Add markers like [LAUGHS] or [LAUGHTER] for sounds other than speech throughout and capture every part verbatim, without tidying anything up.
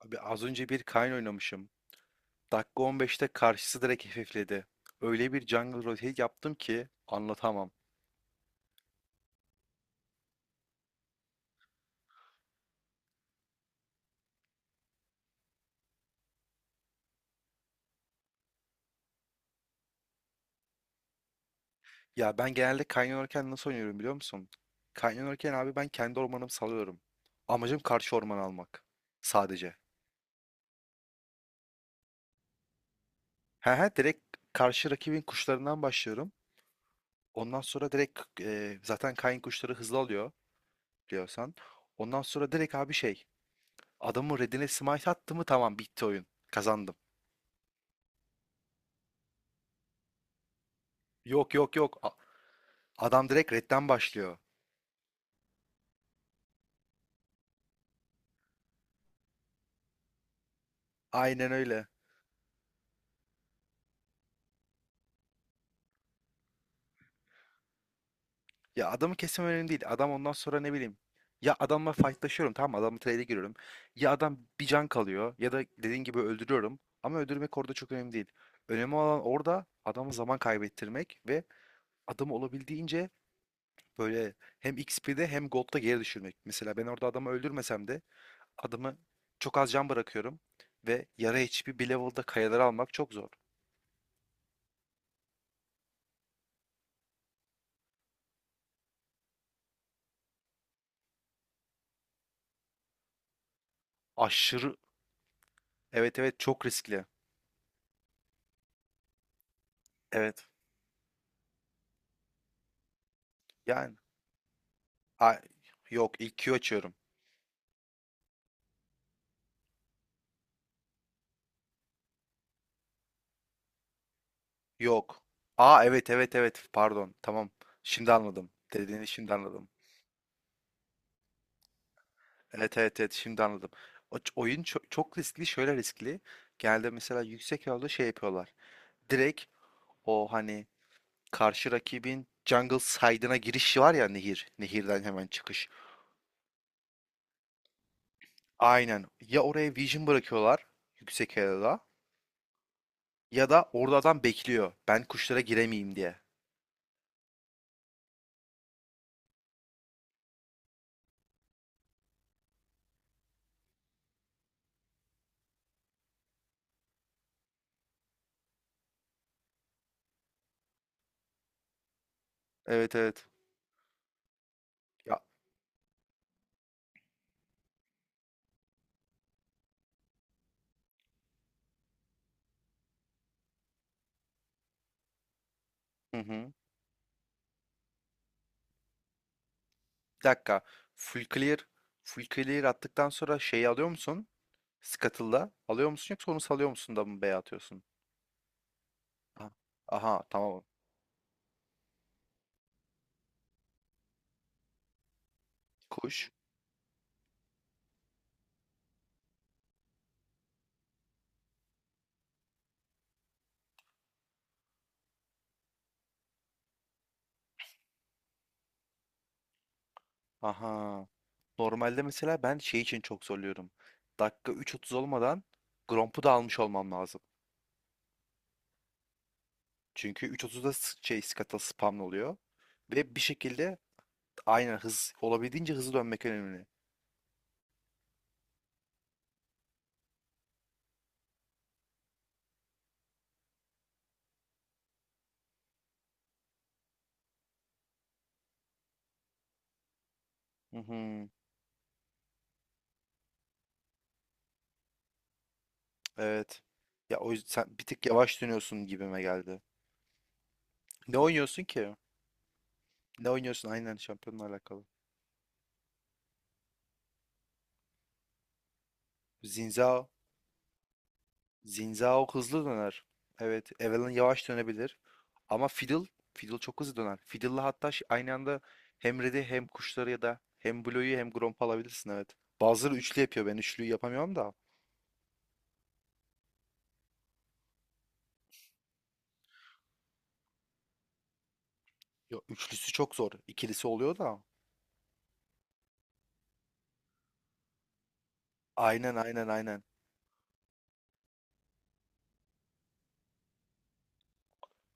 Abi az önce bir Kayn oynamışım. Dakika on beşte karşısı direkt hafifledi. Öyle bir jungle rotate yaptım ki anlatamam. Ya ben genelde Kayn oynarken nasıl oynuyorum biliyor musun? Kayn oynarken abi ben kendi ormanımı salıyorum. Amacım karşı orman almak. Sadece. He he direkt karşı rakibin kuşlarından başlıyorum. Ondan sonra direkt e, zaten Kayn kuşları hızlı alıyor biliyorsan. Ondan sonra direkt abi şey adamın redine smite attı mı tamam bitti oyun. Kazandım. Yok yok yok. A- Adam direkt redden başlıyor. Aynen öyle. Ya adamı kesmem önemli değil. Adam ondan sonra ne bileyim. Ya adamla fightlaşıyorum, tamam mı? Adamla trade'e giriyorum. Ya adam bir can kalıyor ya da dediğin gibi öldürüyorum. Ama öldürmek orada çok önemli değil. Önemli olan orada adama zaman kaybettirmek ve adamı olabildiğince böyle hem X P'de hem Gold'da geri düşürmek. Mesela ben orada adamı öldürmesem de adamı çok az can bırakıyorum ve yarı H P bir level'da kayaları almak çok zor. Aşırı, evet evet çok riskli. Evet. Yani a- yok ilk Q açıyorum. Yok. Aa evet evet evet, pardon. Tamam. Şimdi anladım. Dediğini şimdi anladım. Evet evet evet, şimdi anladım. O, ç- oyun çok, çok riskli, şöyle riskli. Genelde mesela yüksek level'da şey yapıyorlar. Direkt o, hani karşı rakibin jungle side'ına giriş var ya, nehir. Nehirden hemen çıkış. Aynen. Ya oraya vision bırakıyorlar yüksek level'da, ya da orada adam bekliyor. Ben kuşlara giremeyeyim diye. Evet evet. Ya. Hı hı. Bir dakika. Full clear, full clear attıktan sonra şeyi alıyor musun? Scuttle'da alıyor musun, yoksa onu salıyor musun da mı B'ye atıyorsun? Aha, aha, tamam. Kuş. Aha. Normalde mesela ben şey için çok zorluyorum. Dakika üç otuz olmadan Gromp'u da almış olmam lazım. Çünkü üç otuzda s- şey Scuttle spamlı oluyor. Ve bir şekilde aynı hız, olabildiğince hızlı dönmek önemli. Hı hı, evet. Ya o yüzden sen bir tık yavaş dönüyorsun gibime geldi. Ne oynuyorsun ki? Ne oynuyorsun? Aynen, şampiyonla alakalı. Zinzao. Zinzao hızlı döner. Evet. Evelynn yavaş dönebilir. Ama Fiddle. Fiddle çok hızlı döner. Fiddle'la hatta ş- aynı anda hem Red'i hem kuşları ya da hem Blue'yu hem Gromp'u alabilirsin, evet. Bazıları üçlü yapıyor. Ben üçlüyü yapamıyorum da. Ya, üçlüsü çok zor. İkilisi oluyor da. Aynen aynen aynen.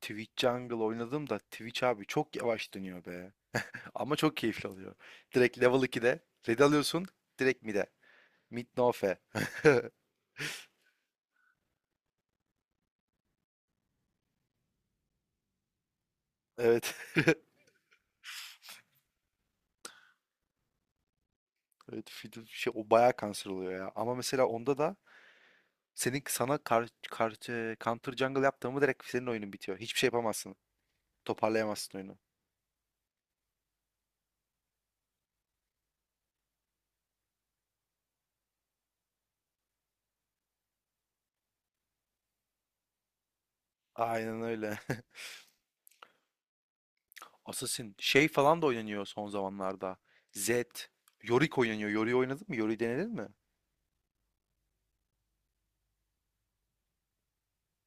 Twitch Jungle oynadım da Twitch abi çok yavaş dönüyor be. Ama çok keyifli oluyor. Direkt level ikide red alıyorsun. Direkt mid'e. Mid no fe. [LAUGHS] Evet. [LAUGHS] Evet, fidu şey o bayağı kanser oluyor ya. Ama mesela onda da senin, sana kar, kar, e, counter jungle yaptığımı direkt senin oyunun bitiyor. Hiçbir şey yapamazsın. Toparlayamazsın oyunu. Aynen öyle. [LAUGHS] Assassin şey falan da oynanıyor son zamanlarda. Zed, Yorick oynanıyor. Yorick'i oynadın mı? Yorick'i denedin mi?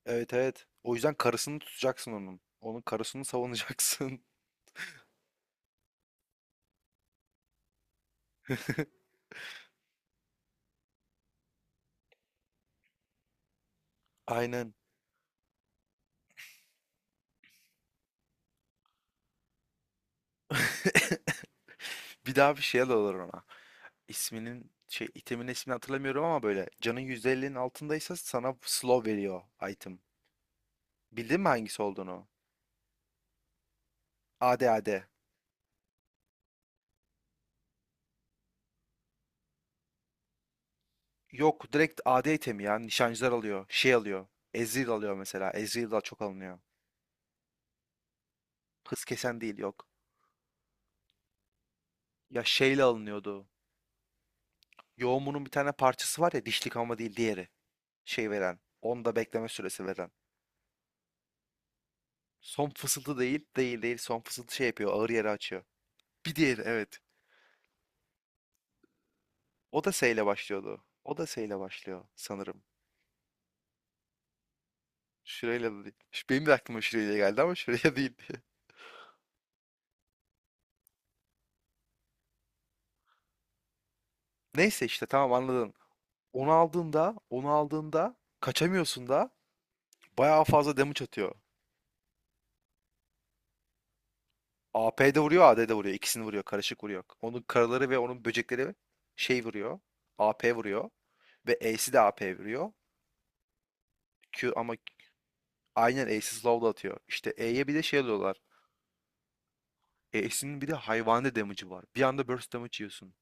Evet evet. O yüzden karısını tutacaksın onun. Onun karısını savunacaksın. [LAUGHS] Aynen. [LAUGHS] Bir daha bir şey alırlar ona. İsminin şey, itemin ismini hatırlamıyorum ama böyle canın yüzde ellinin altındaysa sana slow veriyor item. Bildin mi hangisi olduğunu? A D A D. Yok direkt A D itemi ya. Nişancılar alıyor. Şey alıyor. Ezreal alıyor mesela. Ezreal daha çok alınıyor. Hız kesen değil, yok. Ya şeyle alınıyordu. Yoğumunun bir tane parçası var ya, dişlik ama değil, diğeri. Şey veren. Onda bekleme süresi veren. Son fısıltı değil. Değil değil. Son fısıltı şey yapıyor, ağır yeri açıyor. Bir diğeri, evet. O da S ile başlıyordu. O da S ile başlıyor sanırım. Şireyle de değil. Ş- Benim de aklıma Şireyle geldi ama Şireyle değil. [LAUGHS] Neyse işte, tamam anladın. Onu aldığında, onu aldığında kaçamıyorsun da bayağı fazla damage atıyor. A P de vuruyor, A D de vuruyor. İkisini vuruyor, karışık vuruyor. Onun karaları ve onun böcekleri şey vuruyor. A P vuruyor. Ve E'si de A P vuruyor. Q ama, aynen E'si slow da atıyor. İşte E'ye bir de şey alıyorlar. E'sinin bir de hayvani damage'ı var. Bir anda burst damage yiyorsun.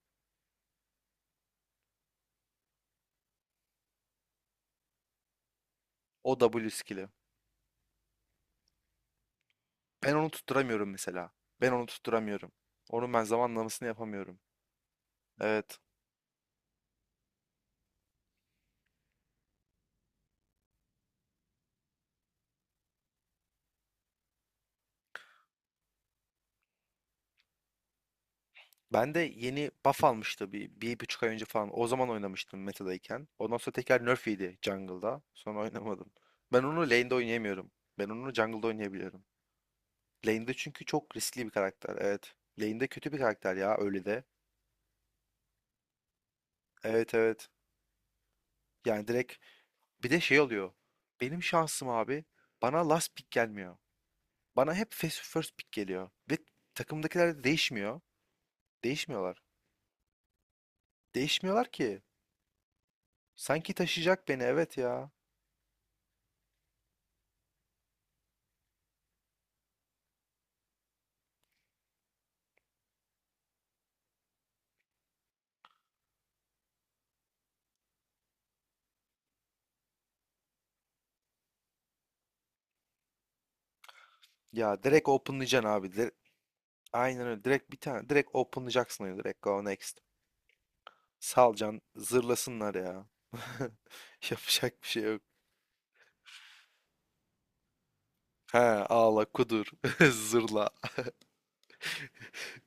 O W skill'i. Ben onu tutturamıyorum mesela. Ben onu tutturamıyorum. Onun ben zamanlamasını yapamıyorum. Evet. Ben de yeni buff almıştı bir, bir buçuk ay önce falan. O zaman oynamıştım metadayken. Ondan sonra tekrar nerf yedi jungle'da. Sonra [LAUGHS] oynamadım. Ben onu lane'de oynayamıyorum. Ben onu jungle'da oynayabiliyorum. Lane'de çünkü çok riskli bir karakter. Evet. Lane'de kötü bir karakter ya öyle de. Evet evet. Yani direkt bir de şey oluyor. Benim şansım abi, bana last pick gelmiyor. Bana hep first first pick geliyor. Ve takımdakiler de değişmiyor. Değişmiyorlar. Değişmiyorlar ki. Sanki taşıyacak beni, evet ya. Ya direkt openlayacaksın abi. Dire- Aynen öyle. Direkt bir tane. Direkt openlayacaksın öyle. Direkt go next. Salcan zırlasınlar ya. [LAUGHS] Yapacak bir şey yok. He ağla kudur. [LAUGHS] Zırla.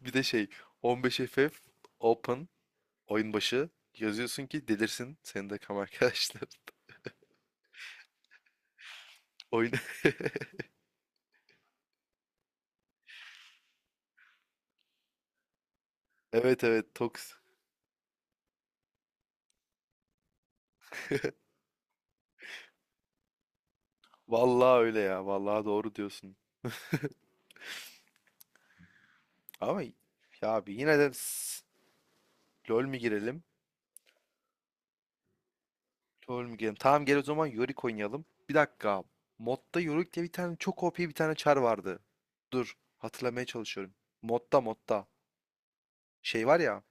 Bir de şey, on beş F F open oyun başı yazıyorsun ki delirsin senin de kam arkadaşlar. [LAUGHS] Oyun [LAUGHS] evet evet, Tox. Vallahi öyle ya. Vallahi doğru diyorsun. Ama ya abi, yine de LoL mi girelim? LoL mi girelim? Tamam gel o zaman Yorick oynayalım. Bir dakika. Modda Yorick diye bir tane çok O P bir tane çar vardı. Dur. Hatırlamaya çalışıyorum. Modda modda. Şey var ya.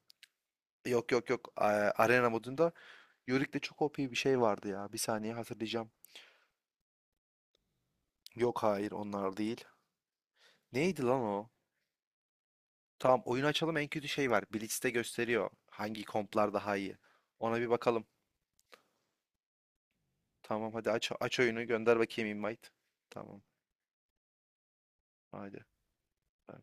Yok yok yok. a- Arena modunda Yorick'te çok O P bir şey vardı ya. Bir saniye hatırlayacağım. Yok, hayır onlar değil. Neydi lan o? Tamam oyunu açalım, en kötü şey var. Blitz'te gösteriyor hangi komplar daha iyi. Ona bir bakalım. Tamam hadi, aç aç oyunu, gönder bakayım invite. Tamam hadi. Ee,